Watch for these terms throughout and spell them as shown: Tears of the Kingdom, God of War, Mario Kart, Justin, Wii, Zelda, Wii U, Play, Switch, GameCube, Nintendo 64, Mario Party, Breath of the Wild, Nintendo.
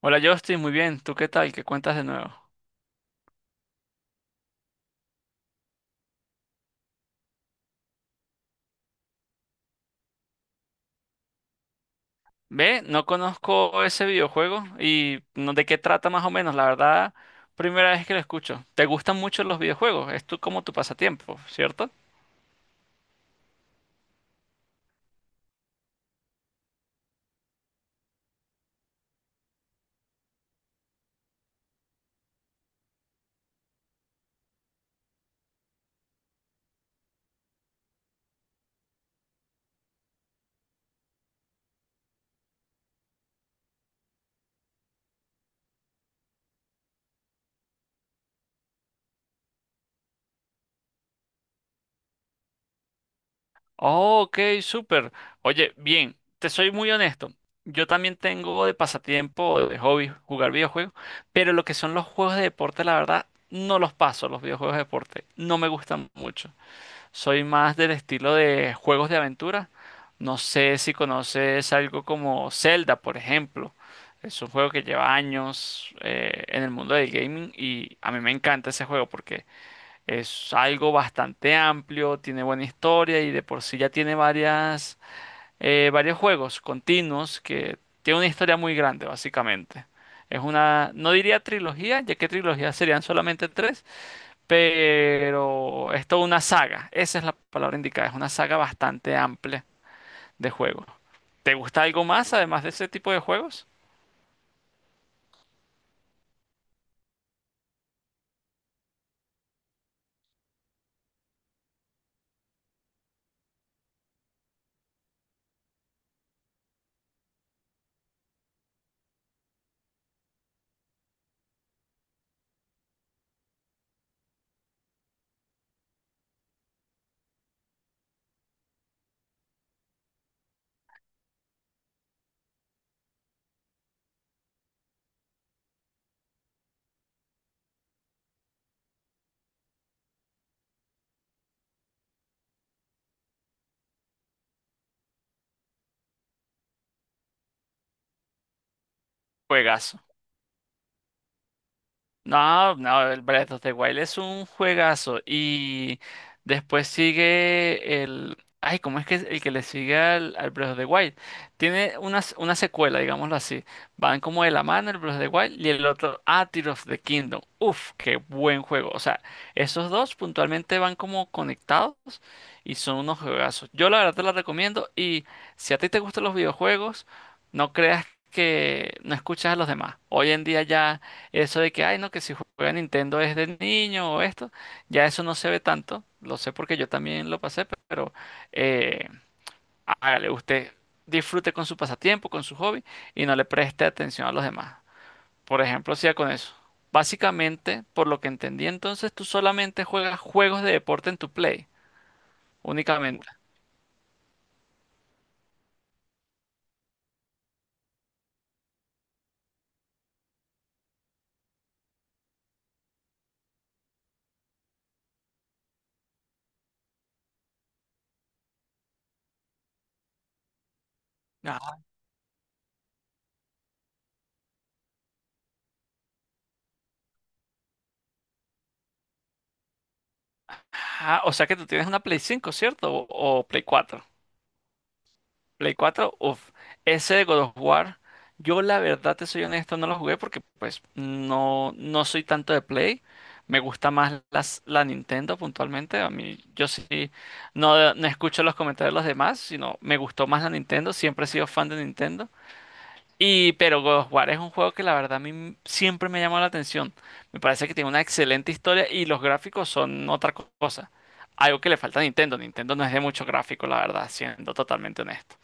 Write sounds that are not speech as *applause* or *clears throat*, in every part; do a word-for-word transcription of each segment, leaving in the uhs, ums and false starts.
Hola Justin, muy bien. ¿Tú qué tal? ¿Qué cuentas de nuevo? Ve, no conozco ese videojuego y no de qué trata más o menos. La verdad, primera vez que lo escucho. ¿Te gustan mucho los videojuegos? ¿Es tu, como tu pasatiempo, cierto? Oh, ok, súper. Oye, bien, te soy muy honesto. Yo también tengo de pasatiempo, de hobby, jugar videojuegos, pero lo que son los juegos de deporte, la verdad, no los paso, los videojuegos de deporte. No me gustan mucho. Soy más del estilo de juegos de aventura. No sé si conoces algo como Zelda, por ejemplo. Es un juego que lleva años eh, en el mundo del gaming, y a mí me encanta ese juego porque es algo bastante amplio, tiene buena historia y de por sí ya tiene varias, eh, varios juegos continuos que tiene una historia muy grande, básicamente. Es una, no diría trilogía, ya que trilogía serían solamente tres, pero es toda una saga. Esa es la palabra indicada, es una saga bastante amplia de juegos. ¿Te gusta algo más además de ese tipo de juegos? Juegazo. No, no, el Breath of the Wild es un juegazo. Y después sigue el. Ay, ¿cómo es que es el que le sigue al, al Breath of the Wild? Tiene una, s- una secuela, digámoslo así. Van como de la mano el Breath of the Wild y el otro. Ah, Tears of the Kingdom. Uf, qué buen juego. O sea, esos dos puntualmente van como conectados y son unos juegazos. Yo la verdad te los recomiendo. Y si a ti te gustan los videojuegos, no creas que no escuchas a los demás. Hoy en día ya. Eso de que, ay, no, que si juega Nintendo es de niño o esto, ya eso no se ve tanto. Lo sé porque yo también lo pasé, pero eh, hágale, usted disfrute con su pasatiempo, con su hobby y no le preste atención a los demás. Por ejemplo, siga con eso. Básicamente, por lo que entendí, entonces tú solamente juegas juegos de deporte en tu Play, únicamente. Ah, o sea que tú tienes una Play cinco, ¿cierto? ¿O, o Play cuatro? Play cuatro, uff, ese de God of War, yo la verdad te soy honesto, no lo jugué porque pues no, no soy tanto de Play, me gusta más las, la Nintendo puntualmente, a mí yo sí, no, no escucho los comentarios de los demás, sino me gustó más la Nintendo, siempre he sido fan de Nintendo, y pero God of War es un juego que la verdad a mí m- siempre me llamó la atención, me parece que tiene una excelente historia y los gráficos son otra co- cosa, algo que le falta a Nintendo. Nintendo no es de mucho gráfico, la verdad, siendo totalmente honesto.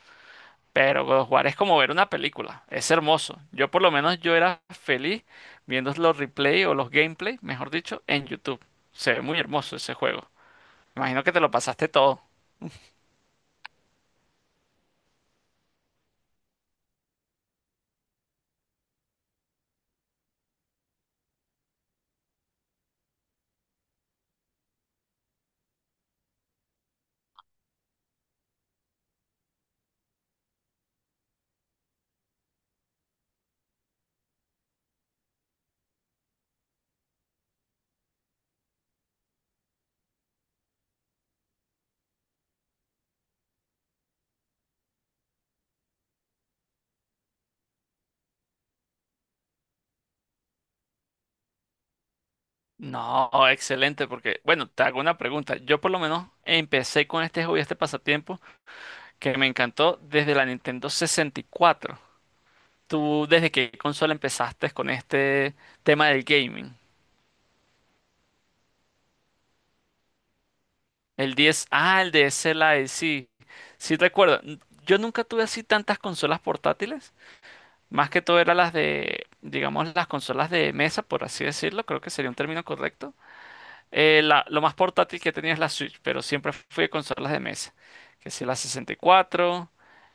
Pero God of War es como ver una película, es hermoso. Yo por lo menos yo era feliz viendo los replay o los gameplay, mejor dicho, en YouTube. Se ve muy hermoso ese juego. Imagino que te lo pasaste todo. No, excelente, porque bueno, te hago una pregunta. Yo por lo menos empecé con este hobby, este pasatiempo, que me encantó desde la Nintendo sesenta y cuatro. ¿Tú desde qué consola empezaste con este tema del gaming? El diez, ah, el de S L I, sí, sí recuerdo. N- Yo nunca tuve así tantas consolas portátiles, más que todo eran las de, digamos, las consolas de mesa, por así decirlo, creo que sería un término correcto. Eh, la- lo más portátil que tenía es la Switch, pero siempre fui de consolas de mesa, que sí, la sesenta y cuatro,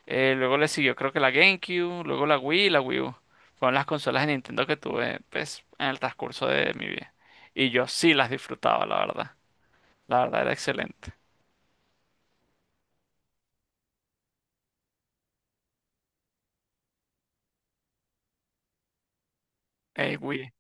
eh, luego le siguió creo que la GameCube, luego la Wii y la Wii U. Fueron las consolas de Nintendo que tuve, pues, en el transcurso de mi vida. Y yo sí las disfrutaba, la verdad. La verdad era excelente. El Wii.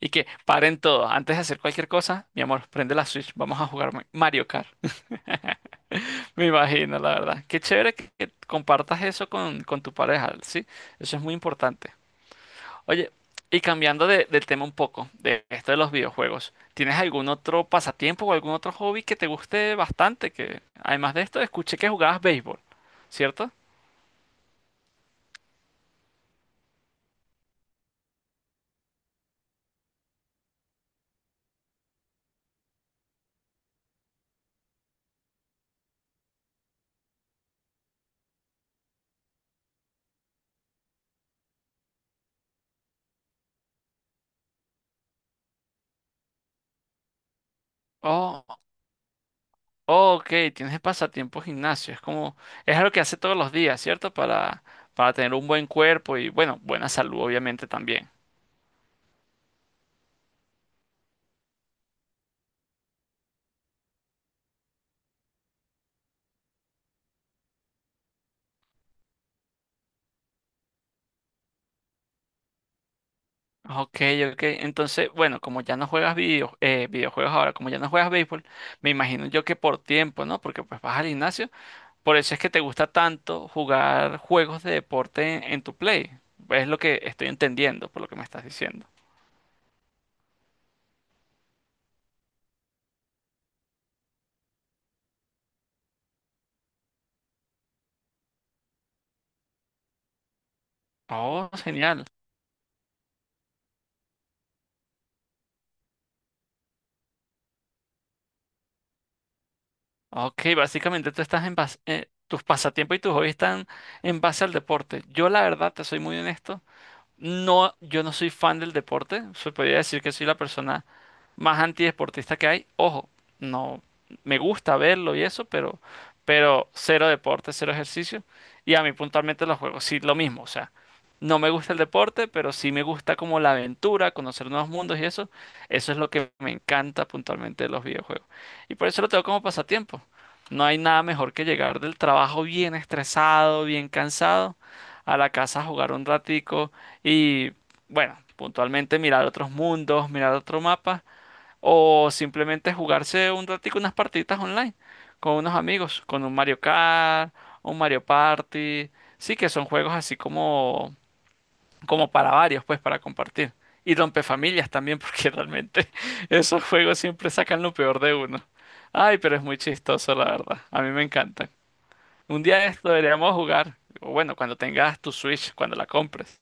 Y que paren todo. Antes de hacer cualquier cosa, mi amor, prende la Switch. Vamos a jugar Ma- Mario Kart. *laughs* Me imagino, la verdad. Qué chévere que, que compartas eso con, con tu pareja, ¿sí? Eso es muy importante. Oye, y cambiando de, del tema un poco, de esto de los videojuegos, ¿tienes algún otro pasatiempo o algún otro hobby que te guste bastante? Que además de esto, escuché que jugabas béisbol, ¿cierto? Oh, ok, tienes pasatiempo gimnasio. Es como, es algo que hace todos los días, ¿cierto? Para, para tener un buen cuerpo y, bueno, buena salud, obviamente, también. Ok, ok. Entonces, bueno, como ya no juegas video, eh, videojuegos ahora, como ya no juegas béisbol, me imagino yo que por tiempo, ¿no? Porque pues vas al gimnasio. Por eso es que te gusta tanto jugar juegos de deporte en, en tu Play. Es lo que estoy entendiendo por lo que me estás diciendo. Oh, genial. Ok, básicamente tú estás en base, eh, tus pasatiempos y tus hobbies están en base al deporte. Yo la verdad, te soy muy honesto. No, yo no soy fan del deporte. Se podría decir que soy la persona más antideportista que hay. Ojo, no me gusta verlo y eso, pero, pero cero deporte, cero ejercicio. Y a mí puntualmente los juegos, sí, lo mismo. O sea, no me gusta el deporte, pero sí me gusta como la aventura, conocer nuevos mundos y eso. Eso es lo que me encanta puntualmente de los videojuegos. Y por eso lo tengo como pasatiempo. No hay nada mejor que llegar del trabajo bien estresado, bien cansado, a la casa a jugar un ratico y bueno, puntualmente mirar otros mundos, mirar otro mapa o simplemente jugarse un ratico unas partiditas online con unos amigos, con un Mario Kart, un Mario Party. Sí que son juegos así como como para varios, pues para compartir. Y rompefamilias también porque *laughs* realmente esos juegos siempre sacan lo peor de uno. Ay, pero es muy chistoso, la verdad. A mí me encantan. Un día de esto deberíamos jugar. O bueno, cuando tengas tu Switch, cuando la compres.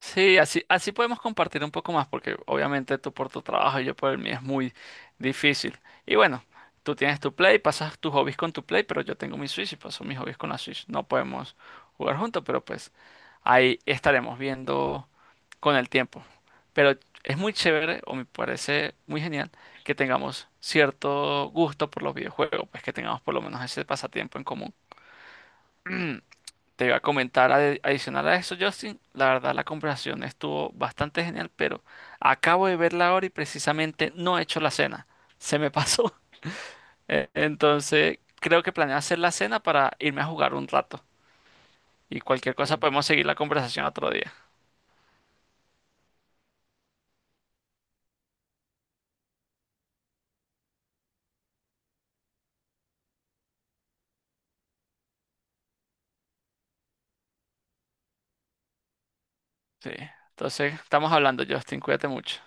Sí, así, así podemos compartir un poco más, porque obviamente tú por tu trabajo y yo por el mío es muy difícil. Y bueno, tú tienes tu Play, pasas tus hobbies con tu Play, pero yo tengo mi Switch y paso mis hobbies con la Switch. No podemos jugar juntos, pero pues ahí estaremos viendo con el tiempo. Pero es muy chévere, o me parece muy genial, que tengamos cierto gusto por los videojuegos, pues que tengamos por lo menos ese pasatiempo en común. *clears throat* Te iba a comentar adi- adicional a eso, Justin, la verdad la conversación estuvo bastante genial, pero acabo de verla ahora y precisamente no he hecho la cena. Se me pasó. *laughs* Eh, Entonces, creo que planeo hacer la cena para irme a jugar un rato. Y cualquier cosa, sí, podemos seguir la conversación otro día. Sí. Entonces, estamos hablando, Justin. Cuídate mucho.